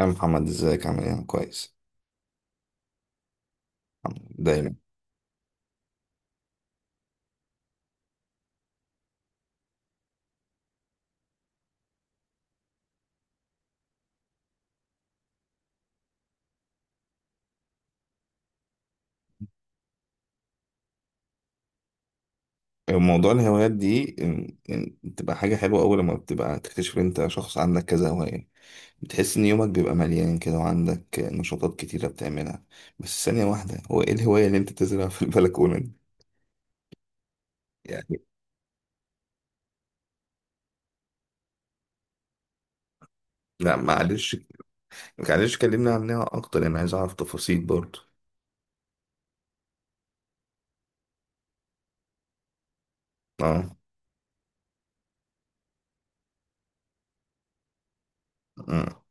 يا محمد ازيك عامل ايه؟ أنا كويس الحمد لله. دايما موضوع الهوايات دي إن بتبقى حاجة حلوة أول لما بتبقى تكتشف إن أنت شخص عندك كذا هواية. بتحس إن يومك بيبقى مليان كده وعندك نشاطات كتيرة بتعملها. بس ثانية واحدة، هو إيه الهواية اللي أنت تزرع في البلكونة دي؟ يعني لا معلش، معلش كلمنا عنها أكتر، أنا عايز أعرف تفاصيل برضه. أه، أه،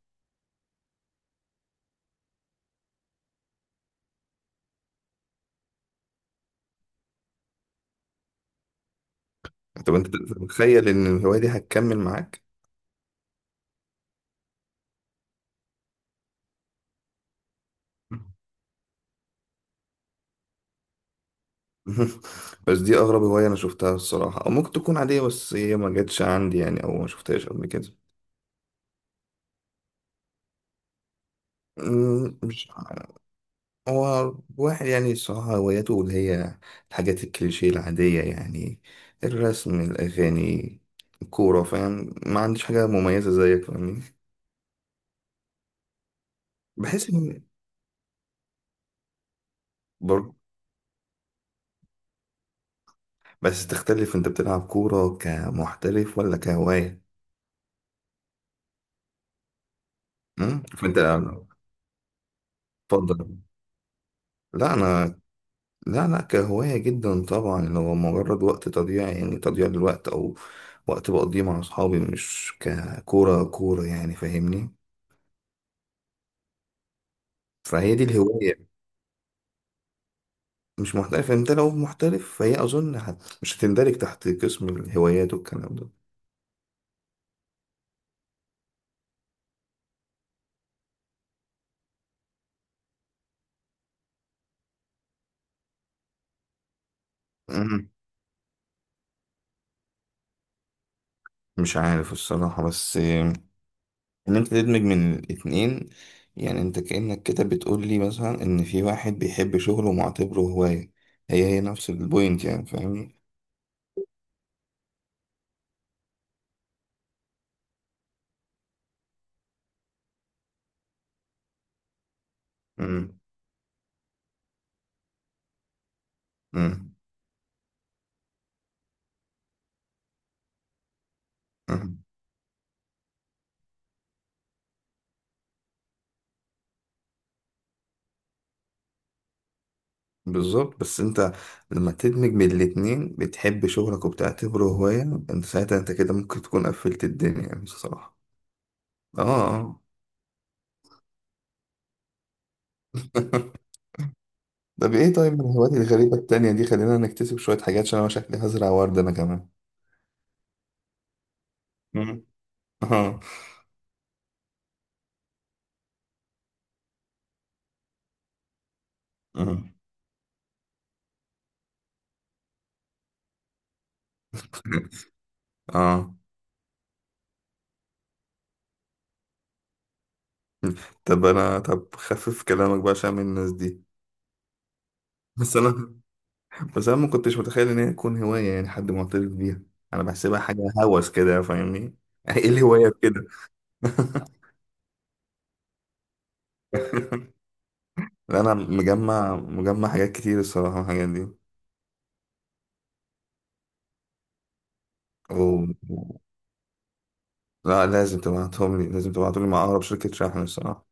طب أنت تتخيل إن الهواية دي هتكمل معاك؟ بس دي اغرب هواية انا شفتها الصراحة، او ممكن تكون عادية بس هي ما جاتش عندي يعني، او ما شفتهاش قبل كده. مش ع- هو واحد يعني الصراحة هواياته اللي هي الحاجات الكليشيه العادية يعني: الرسم، الأغاني، الكورة. فاهم، ما عنديش حاجة مميزة زيك، فاهمني؟ بحس إن برضه بس تختلف، أنت بتلعب كورة كمحترف ولا كهواية؟ فأنت اتفضل. لا أنا، لا لا كهواية جدا طبعا، اللي هو مجرد وقت تضييع يعني، تضييع للوقت، أو وقت بقضيه مع أصحابي، مش ككورة كورة يعني، فاهمني؟ فهي دي الهواية. مش محترف. أنت لو محترف فهي أظن مش هتندرج تحت قسم الهوايات والكلام ده. مم. مش عارف الصراحة، بس إن أنت تدمج من الاتنين، يعني أنت كأنك كده بتقول لي مثلا إن في واحد بيحب شغله ومعتبره هواية، هي هي نفس البوينت يعني، فاهمني؟ مم. مم. مم. بالظبط، بس انت لما تدمج بين الاتنين، بتحب شغلك وبتعتبره هواية، انت ساعتها انت كده ممكن تكون قفلت الدنيا يعني بصراحة. اه، آه. طب ايه، طيب من الهوايات الغريبة التانية دي، خلينا نكتسب شوية حاجات عشان انا شكلي هزرع ورد انا كمان. مم. اه، اه. اه، طب انا، طب خفف كلامك بقى عشان من الناس دي. بس انا، بس انا ما كنتش متخيل ان هي تكون هواية يعني، حد معترف بيها. انا بحسبها حاجة هوس كده، فاهمني؟ ايه الهواية بكده. لا انا مجمع حاجات كتير الصراحه الحاجات دي. و... و- لا لازم تبعتهم لي، لازم تبعتهم لي مع اقرب شركه شحن الصراحه.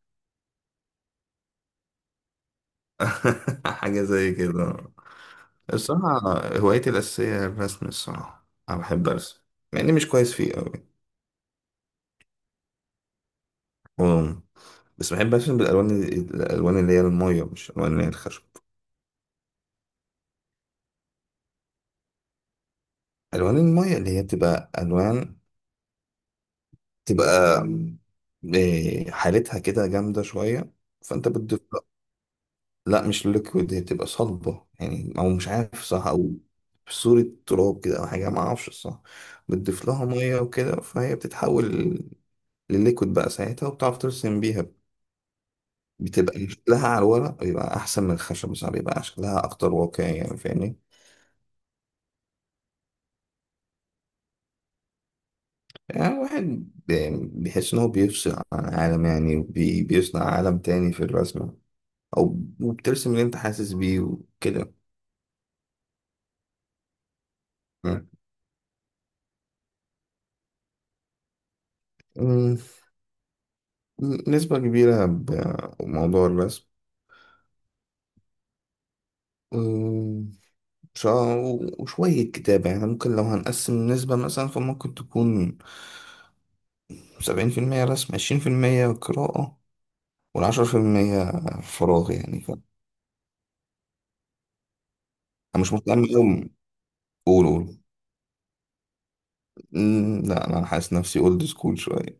حاجه زي كده. الصراحه هوايتي الاساسيه هي الرسم. الصراحه انا بحب ارسم، مع اني مش كويس فيه قوي. و... بس بحب ارسم بالالوان، الالوان اللي هي الميه، مش الالوان اللي هي الخشب. الوان الميه اللي هي بتبقى الوان، تبقى حالتها كده جامده شويه، فانت بتضيف. لا مش ليكويد، هي بتبقى صلبة يعني، او مش عارف صح، او في صورة تراب كده او حاجة، ما اعرفش الصح. بتضيف لها مية وكده فهي بتتحول لليكويد بقى ساعتها، وبتعرف ترسم بيها. بتبقى شكلها على الورق بيبقى احسن من الخشب، صح بيبقى شكلها اكتر واقعي يعني، فاهمني؟ يعني الواحد بيحس ان هو بيفصل عن العالم يعني، وبي- بيصنع عالم تاني في الرسمة، او وبترسم اللي انت حاسس بيه وكده. مم. مم. نسبة كبيرة بموضوع الرسم، أم، شا- وشوية كتابة يعني. ممكن لو هنقسم النسبة مثلا فممكن تكون سبعين في المية رسم، عشرين في المية قراءة، والعشرة في المية فراغ يعني أنا مش مهتم أوي، قول. قول. لا أنا حاسس نفسي أولد سكول شوية.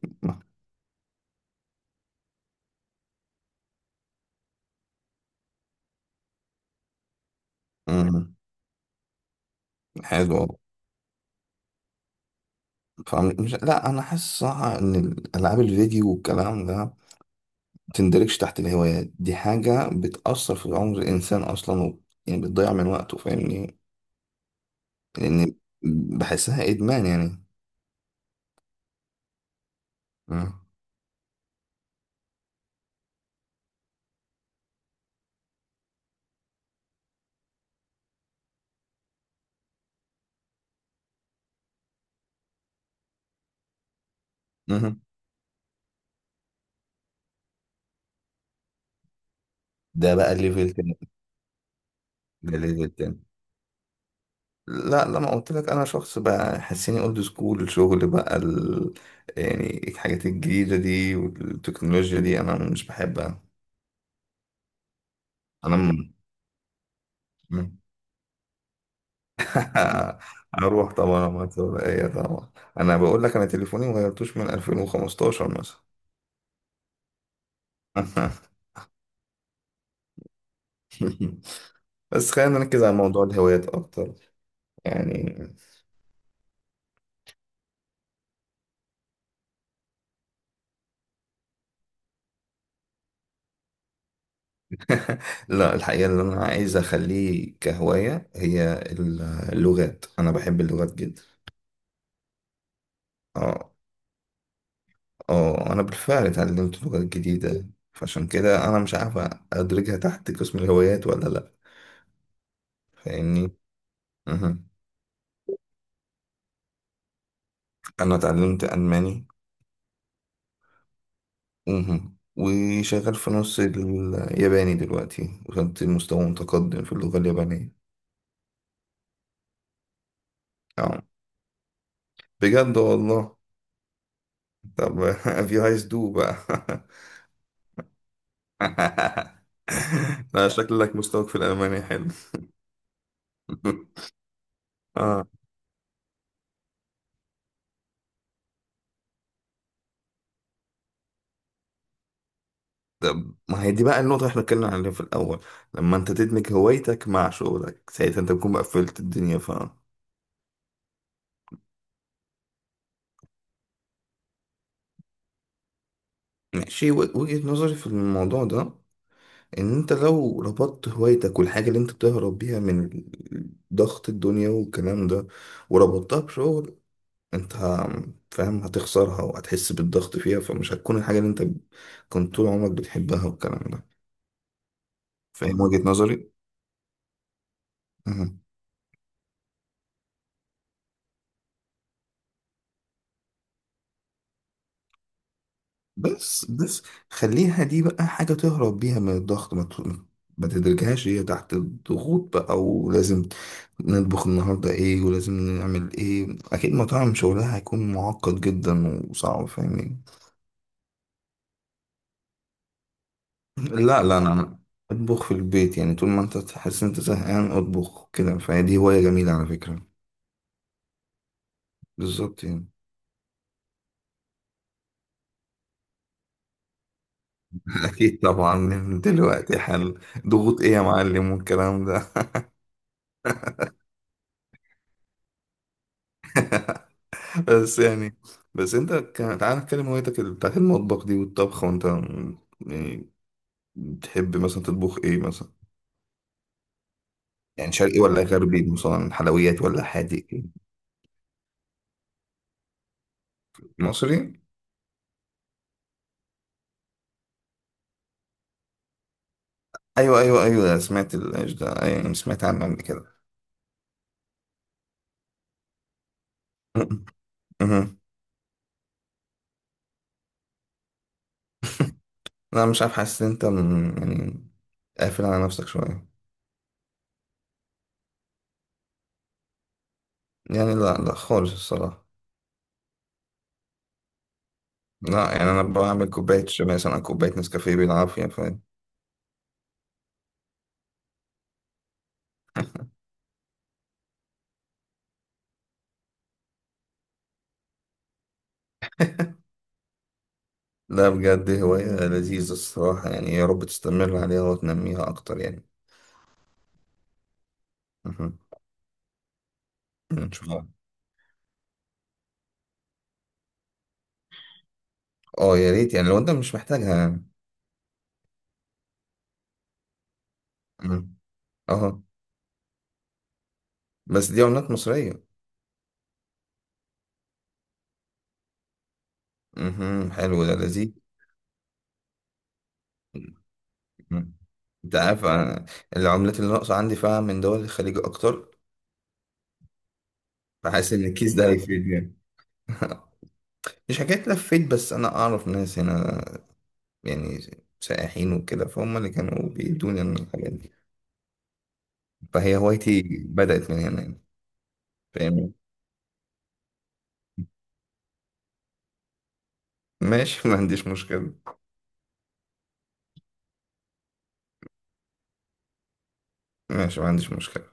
أم، حلو أوي. مش، لا أنا حاسس صح إن ألعاب الفيديو والكلام ده متندرجش تحت الهوايات دي، حاجة بتأثر في عمر الإنسان أصلا يعني بتضيع من وقته، فاهمني؟ لان بحسها ادمان يعني. مم. مم. ده بقى ليفل تاني. ده ليفل تاني. لا لما قلت لك انا شخص بقى حسيني اولد سكول، الشغل بقى يعني الحاجات الجديده دي والتكنولوجيا دي انا مش بحبها. انا م... مم. اروح طبعا، ما ايه طبعا. انا بقول لك انا تليفوني ما غيرتوش من 2015 مثلا. بس خلينا نركز على موضوع الهوايات اكتر يعني. لا الحقيقة اللي أنا عايز أخليه كهواية هي اللغات، أنا بحب اللغات جدا. اه، اه أنا بالفعل اتعلمت لغات جديدة، فعشان كده أنا مش عارف أدرجها تحت قسم الهوايات ولا لأ، فاهمني؟ مهم. أنا اتعلمت ألماني. مهم. وشغال في نص الياباني دلوقتي، وصلت لمستوى متقدم في اللغة اليابانية. اه بجد والله. طب if you guys do بقى. لا شكلك مستواك في الألماني حلو. اه، ما هي دي بقى النقطة اللي احنا اتكلمنا عليها في الأول، لما انت تدمج هوايتك مع شغلك ساعتها انت بتكون بقى قفلت الدنيا ف ماشي. وجهة نظري في الموضوع ده ان انت لو ربطت هوايتك والحاجة اللي انت بتهرب بيها من ضغط الدنيا والكلام ده، وربطتها بشغل، انت ه- فاهم، هتخسرها وهتحس بالضغط فيها، فمش هتكون الحاجة اللي انت كنت طول عمرك بتحبها والكلام ده. فاهم وجهة نظري؟ مهم. بس بس خليها دي بقى حاجة تهرب بيها من الضغط، ما تدركهاش هي تحت الضغوط بقى، ولازم نطبخ النهاردة ايه، ولازم نعمل ايه. اكيد مطاعم شغلها هيكون معقد جدا وصعب، فاهمين؟ لا لا انا اطبخ في البيت يعني، طول ما انت تحس انت زهقان اطبخ كده، فهي دي هواية جميلة على فكرة. بالظبط يعني. اكيد طبعا، من دلوقتي حل، ضغوط ايه يا معلم والكلام ده. بس يعني، تعال نتكلم هوايتك بتاعت المطبخ دي والطبخ، يعني بتحب مثلا تطبخ ايه مثلا؟ يعني شرقي ولا غربي مثلا، حلويات ولا حادق؟ مصري. ايوه ايوه ايوه سمعت الايش ده، ايوه سمعت عنه قبل كده. م- مهم. لا مش عارف، حاسس ان انت يعني قافل على نفسك شويه. يعني لا لا خالص الصراحه. لا يعني انا بعمل كوبايه شاي مثلا، كوبايه نسكافيه بالعافيه. لا بجد هواية لذيذة الصراحة يعني، يا رب تستمر عليها وتنميها أكتر يعني. مهم. إن شاء الله. أه يا ريت يعني، لو أنت مش محتاجها يعني. مم. أه بس دي عملات مصرية؟ مهم. حلو ده لذيذ. مم. أنت عارف أنا العملات اللي ناقصة عندي فعلا من دول الخليج أكتر، فحاسس إن الكيس ده هيفيد يعني. مش حكاية لفيت، بس أنا أعرف ناس هنا يعني سائحين وكده، فهم اللي كانوا بيدوني عن الحاجات دي، فهي هوايتي بدأت من هنا يعني، فاهم؟ ماشي ما عنديش مشكلة. ماشي ما عنديش مشكلة.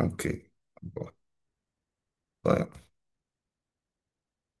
اوكي. طيب.